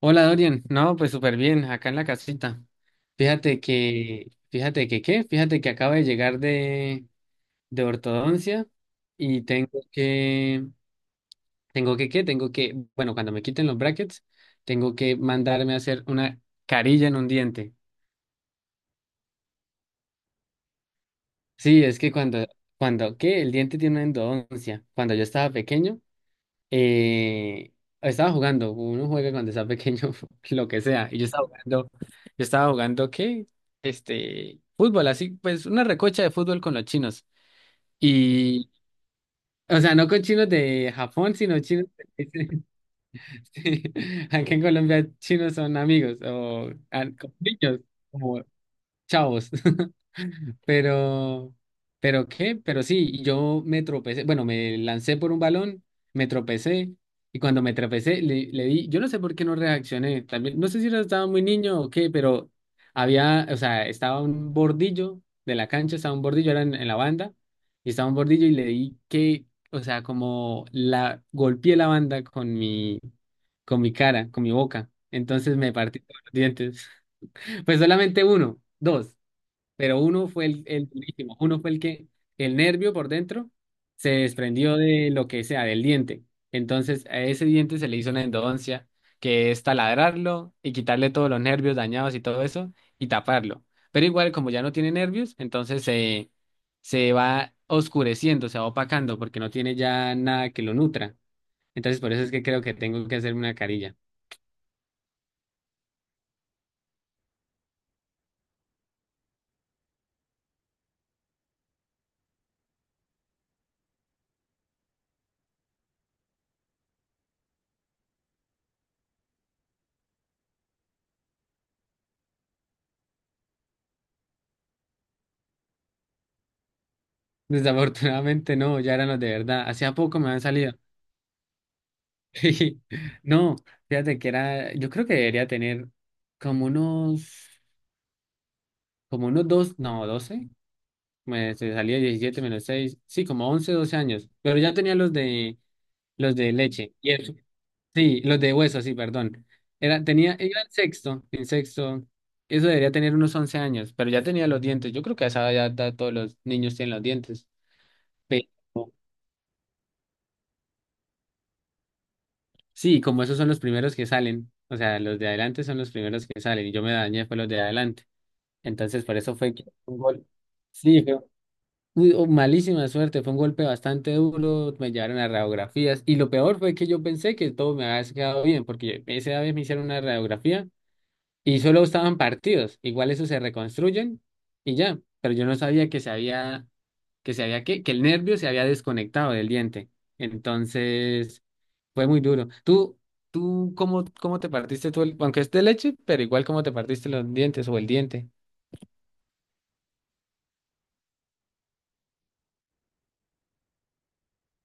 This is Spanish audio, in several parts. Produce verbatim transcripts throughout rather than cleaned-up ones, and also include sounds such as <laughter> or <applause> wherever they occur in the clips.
Hola Dorian, no, pues súper bien, acá en la casita. Fíjate que, fíjate que qué, fíjate que acabo de llegar de, de ortodoncia y tengo que, tengo que qué, tengo que, bueno, cuando me quiten los brackets, tengo que mandarme a hacer una carilla en un diente. Sí, es que cuando, cuando, ¿qué? El diente tiene una endodoncia. Cuando yo estaba pequeño, eh, estaba jugando, uno juega cuando está pequeño, <laughs> lo que sea, y yo estaba jugando, yo estaba jugando, ¿qué? Este, fútbol, así, pues una recocha de fútbol con los chinos, y, o sea, no con chinos de Japón, sino chinos, de- <laughs> sí, aquí en Colombia chinos son amigos, o ah, con niños, como chavos. <laughs> Pero, pero qué, pero sí, yo me tropecé, bueno, me lancé por un balón, me tropecé y cuando me tropecé le, le di. Yo no sé por qué no reaccioné, también, no sé si era- estaba muy niño o qué, pero había, o sea, estaba un bordillo de la cancha, estaba un bordillo, era en, en, la banda, y estaba un bordillo y le di que, o sea, como la, golpeé la banda con mi, con mi cara, con mi boca. Entonces me partí todos los dientes, <laughs> pues solamente uno, dos, pero uno fue el, el durísimo. Uno fue el que el nervio por dentro se desprendió de lo que sea, del diente. Entonces a ese diente se le hizo una endodoncia, que es taladrarlo y quitarle todos los nervios dañados y todo eso y taparlo. Pero igual como ya no tiene nervios, entonces se, se va oscureciendo, se va opacando porque no tiene ya nada que lo nutra. Entonces por eso es que creo que tengo que hacerme una carilla. Desafortunadamente no, ya eran los de verdad. Hacía poco me han salido. Sí, no, fíjate que era, yo creo que debería tener como unos, como unos dos, no, doce, me se salía diecisiete menos seis, sí, como once doce años, pero ya tenía los de, los de leche, y eso, sí, los de hueso, sí, perdón, era, tenía, iba en sexto, en sexto, eso debería tener unos once años, pero ya tenía los dientes. Yo creo que a esa edad ya todos los niños tienen los dientes, pero sí, como esos son los primeros que salen, o sea, los de adelante son los primeros que salen, y yo me dañé fue los de adelante. Entonces, por eso fue que fue un gol. Sí, fue muy- oh, malísima suerte, fue un golpe bastante duro. Me llevaron a radiografías y lo peor fue que yo pensé que todo me había quedado bien, porque esa vez me hicieron una radiografía y solo estaban partidos, igual eso se reconstruyen y ya, pero yo no sabía que se había, que se había, que, que el nervio se había desconectado del diente. Entonces, fue muy duro. ¿Tú, tú cómo, cómo te partiste tú, el- aunque es de leche, pero igual cómo te partiste los dientes o el diente?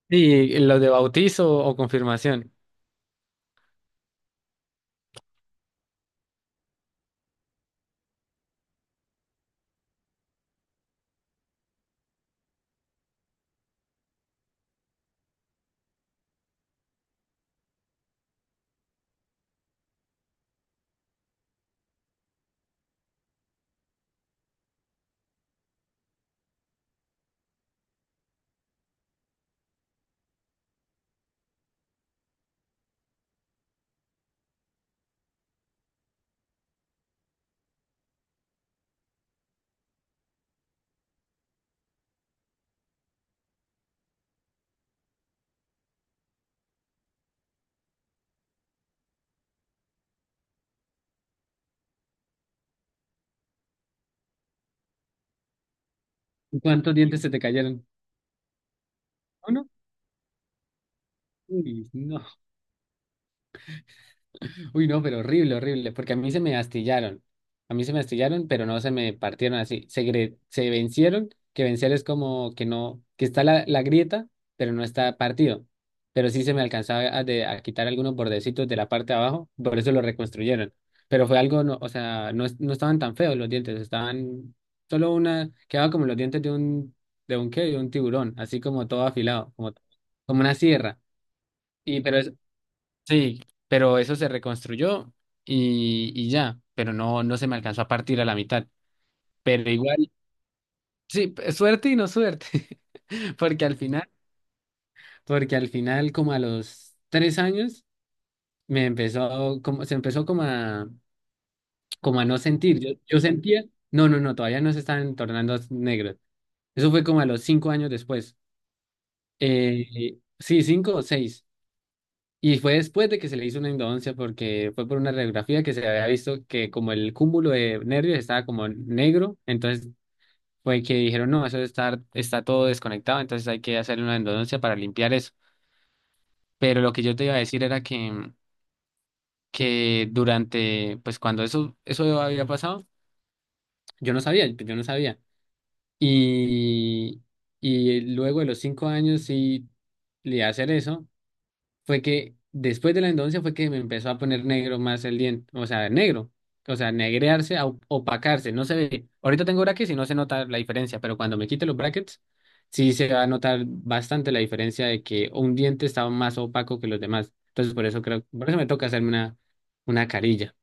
Sí, lo de bautizo o confirmación. ¿Y ¿Cuántos dientes se te cayeron? Uno. Uy, no. Uy, no, pero horrible, horrible, porque a mí se me astillaron. A mí se me astillaron, pero no se me partieron así. Se, gre- se vencieron, que vencer es como que no, que está la, la, grieta, pero no está partido. Pero sí se me alcanzaba a, de- a quitar algunos bordecitos de la parte de abajo, por eso lo reconstruyeron. Pero fue algo, no, o sea, no, es- no estaban tan feos los dientes, estaban solo una, quedaba como los dientes de un, de un qué, de un tiburón, así como todo afilado, como, como una sierra. Sí, pero eso se reconstruyó y, y ya, pero no, no se me alcanzó a partir a la mitad. Pero igual, sí, p- suerte y no suerte, <laughs> porque al final, porque al final, como a los tres años, me empezó, como, se empezó como a, como a no sentir. Yo, yo sentía, no, no, no, todavía no se estaban tornando negros. Eso fue como a los cinco años después. Eh, sí, cinco o seis. Y fue después de que se le hizo una endodoncia porque fue por una radiografía que se había visto que como el cúmulo de nervios estaba como negro, entonces fue que dijeron, no, eso está, está, todo desconectado, entonces hay que hacerle una endodoncia para limpiar eso. Pero lo que yo te iba a decir era que, que durante, pues cuando eso, eso había pasado, yo no sabía, yo no sabía. Y, y luego de los cinco años sí le iba a hacer eso, fue que después de la endodoncia fue que me empezó a poner negro más el diente, o sea, negro, o sea, negrearse, a opacarse, no se ve. Ahorita tengo brackets y no se nota la diferencia, pero cuando me quite los brackets, sí se va a notar bastante la diferencia de que un diente estaba más opaco que los demás. Entonces, por eso creo, por eso me toca hacerme una, una, carilla.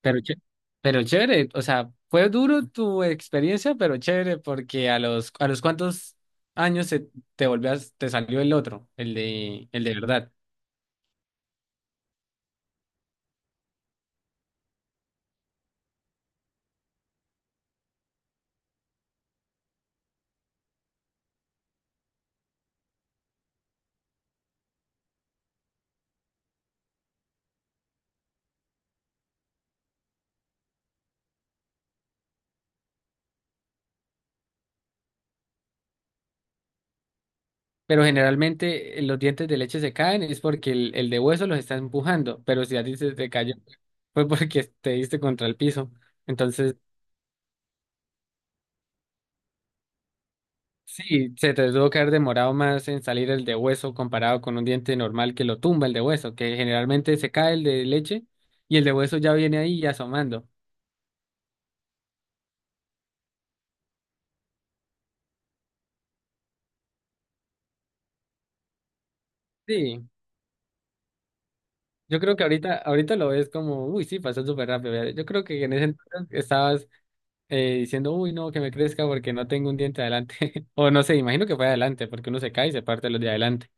Pero, ché- pero chévere, o sea, fue duro tu experiencia, pero chévere, porque a los, a los cuantos años se- te volvías, te salió el otro, el de, el de verdad. Pero generalmente eh, los dientes de leche se caen es porque el, el de hueso los está empujando, pero si a ti se te cayó <laughs> fue porque te diste contra el piso. Entonces, sí, se te tuvo que haber demorado más en salir el de hueso comparado con un diente normal que lo tumba el de hueso, que generalmente se cae el de leche y el de hueso ya viene ahí asomando. Sí, yo creo que ahorita, ahorita lo ves como, uy, sí, pasó súper rápido. ¿Verdad? Yo creo que en ese entonces estabas eh, diciendo, uy, no, que me crezca porque no tengo un diente adelante. <laughs> O no sé, imagino que fue adelante, porque uno se cae y se parte los de adelante.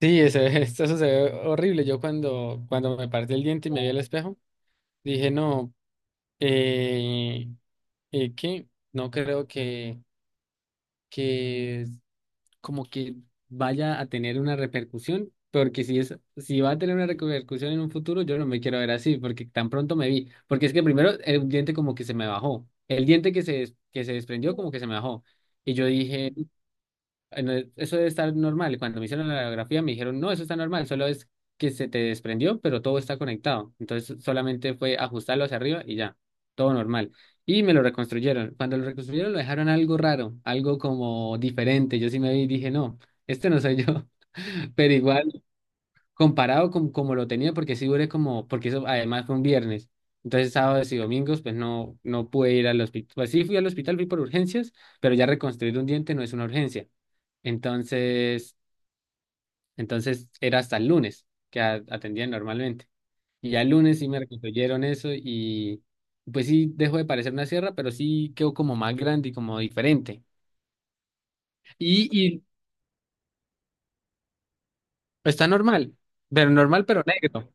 Sí, eso, <laughs> eso se ve horrible. Yo cuando, cuando me partí el diente y me vi al espejo, dije, no, eh, eh, ¿qué? no creo que, que como que vaya a tener una repercusión, porque si es, si va a tener una repercusión en un futuro, yo no me quiero ver así, porque tan pronto me vi, porque es que primero el diente como que se me bajó, el diente que se, des- que se desprendió como que se me bajó, y yo dije, en el- eso debe estar normal. Cuando me hicieron la radiografía me dijeron, no, eso está normal, solo es que se te desprendió, pero todo está conectado. Entonces solamente fue ajustarlo hacia arriba y ya, todo normal. Y me lo reconstruyeron. Cuando lo reconstruyeron lo dejaron algo raro, algo como diferente. Yo sí me vi y dije, no, este no soy yo. <laughs> Pero igual comparado con como lo tenía, porque sí duré como, porque eso además fue un viernes. Entonces, sábados y domingos, pues no, no pude ir al hospital. Pues sí fui al hospital, fui por urgencias, pero ya reconstruir un diente no es una urgencia. Entonces, entonces era hasta el lunes que a- atendían normalmente. Y ya el lunes sí me reconstruyeron eso y pues sí dejó de parecer una sierra, pero sí quedó como más grande y como diferente. Y, y está normal, pero normal pero negro.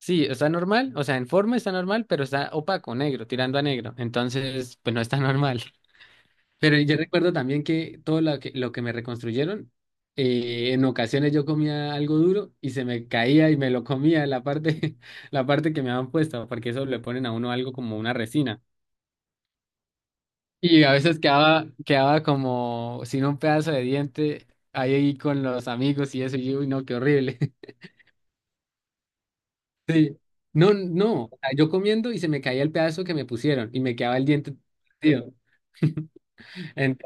Sí, está normal, o sea, en forma está normal, pero está opaco, negro, tirando a negro. Entonces, pues no está <laughs> normal. Pero yo recuerdo también que todo lo que, lo que me reconstruyeron, eh, en ocasiones yo comía algo duro y se me caía y me lo comía la parte, <laughs> la parte que me habían puesto, porque eso le ponen a uno algo como una resina. Y a veces quedaba, quedaba como sin un pedazo de diente ahí con los amigos y eso, y yo, uy, no, qué horrible. Sí, no, no, o sea, yo comiendo y se me caía el pedazo que me pusieron y me quedaba el diente partido. Ent-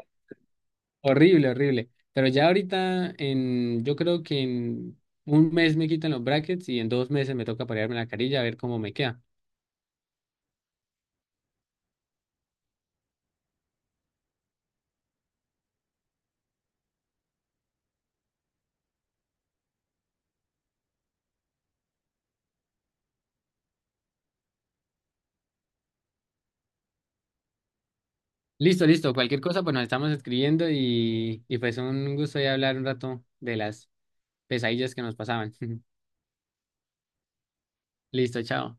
Horrible, horrible. Pero ya ahorita, en, yo creo que en un mes me quitan los brackets y en dos meses me toca parearme la carilla a ver cómo me queda. Listo, listo, cualquier cosa, pues nos estamos escribiendo y, y pues un gusto ya hablar un rato de las pesadillas que nos pasaban. <laughs> Listo, chao.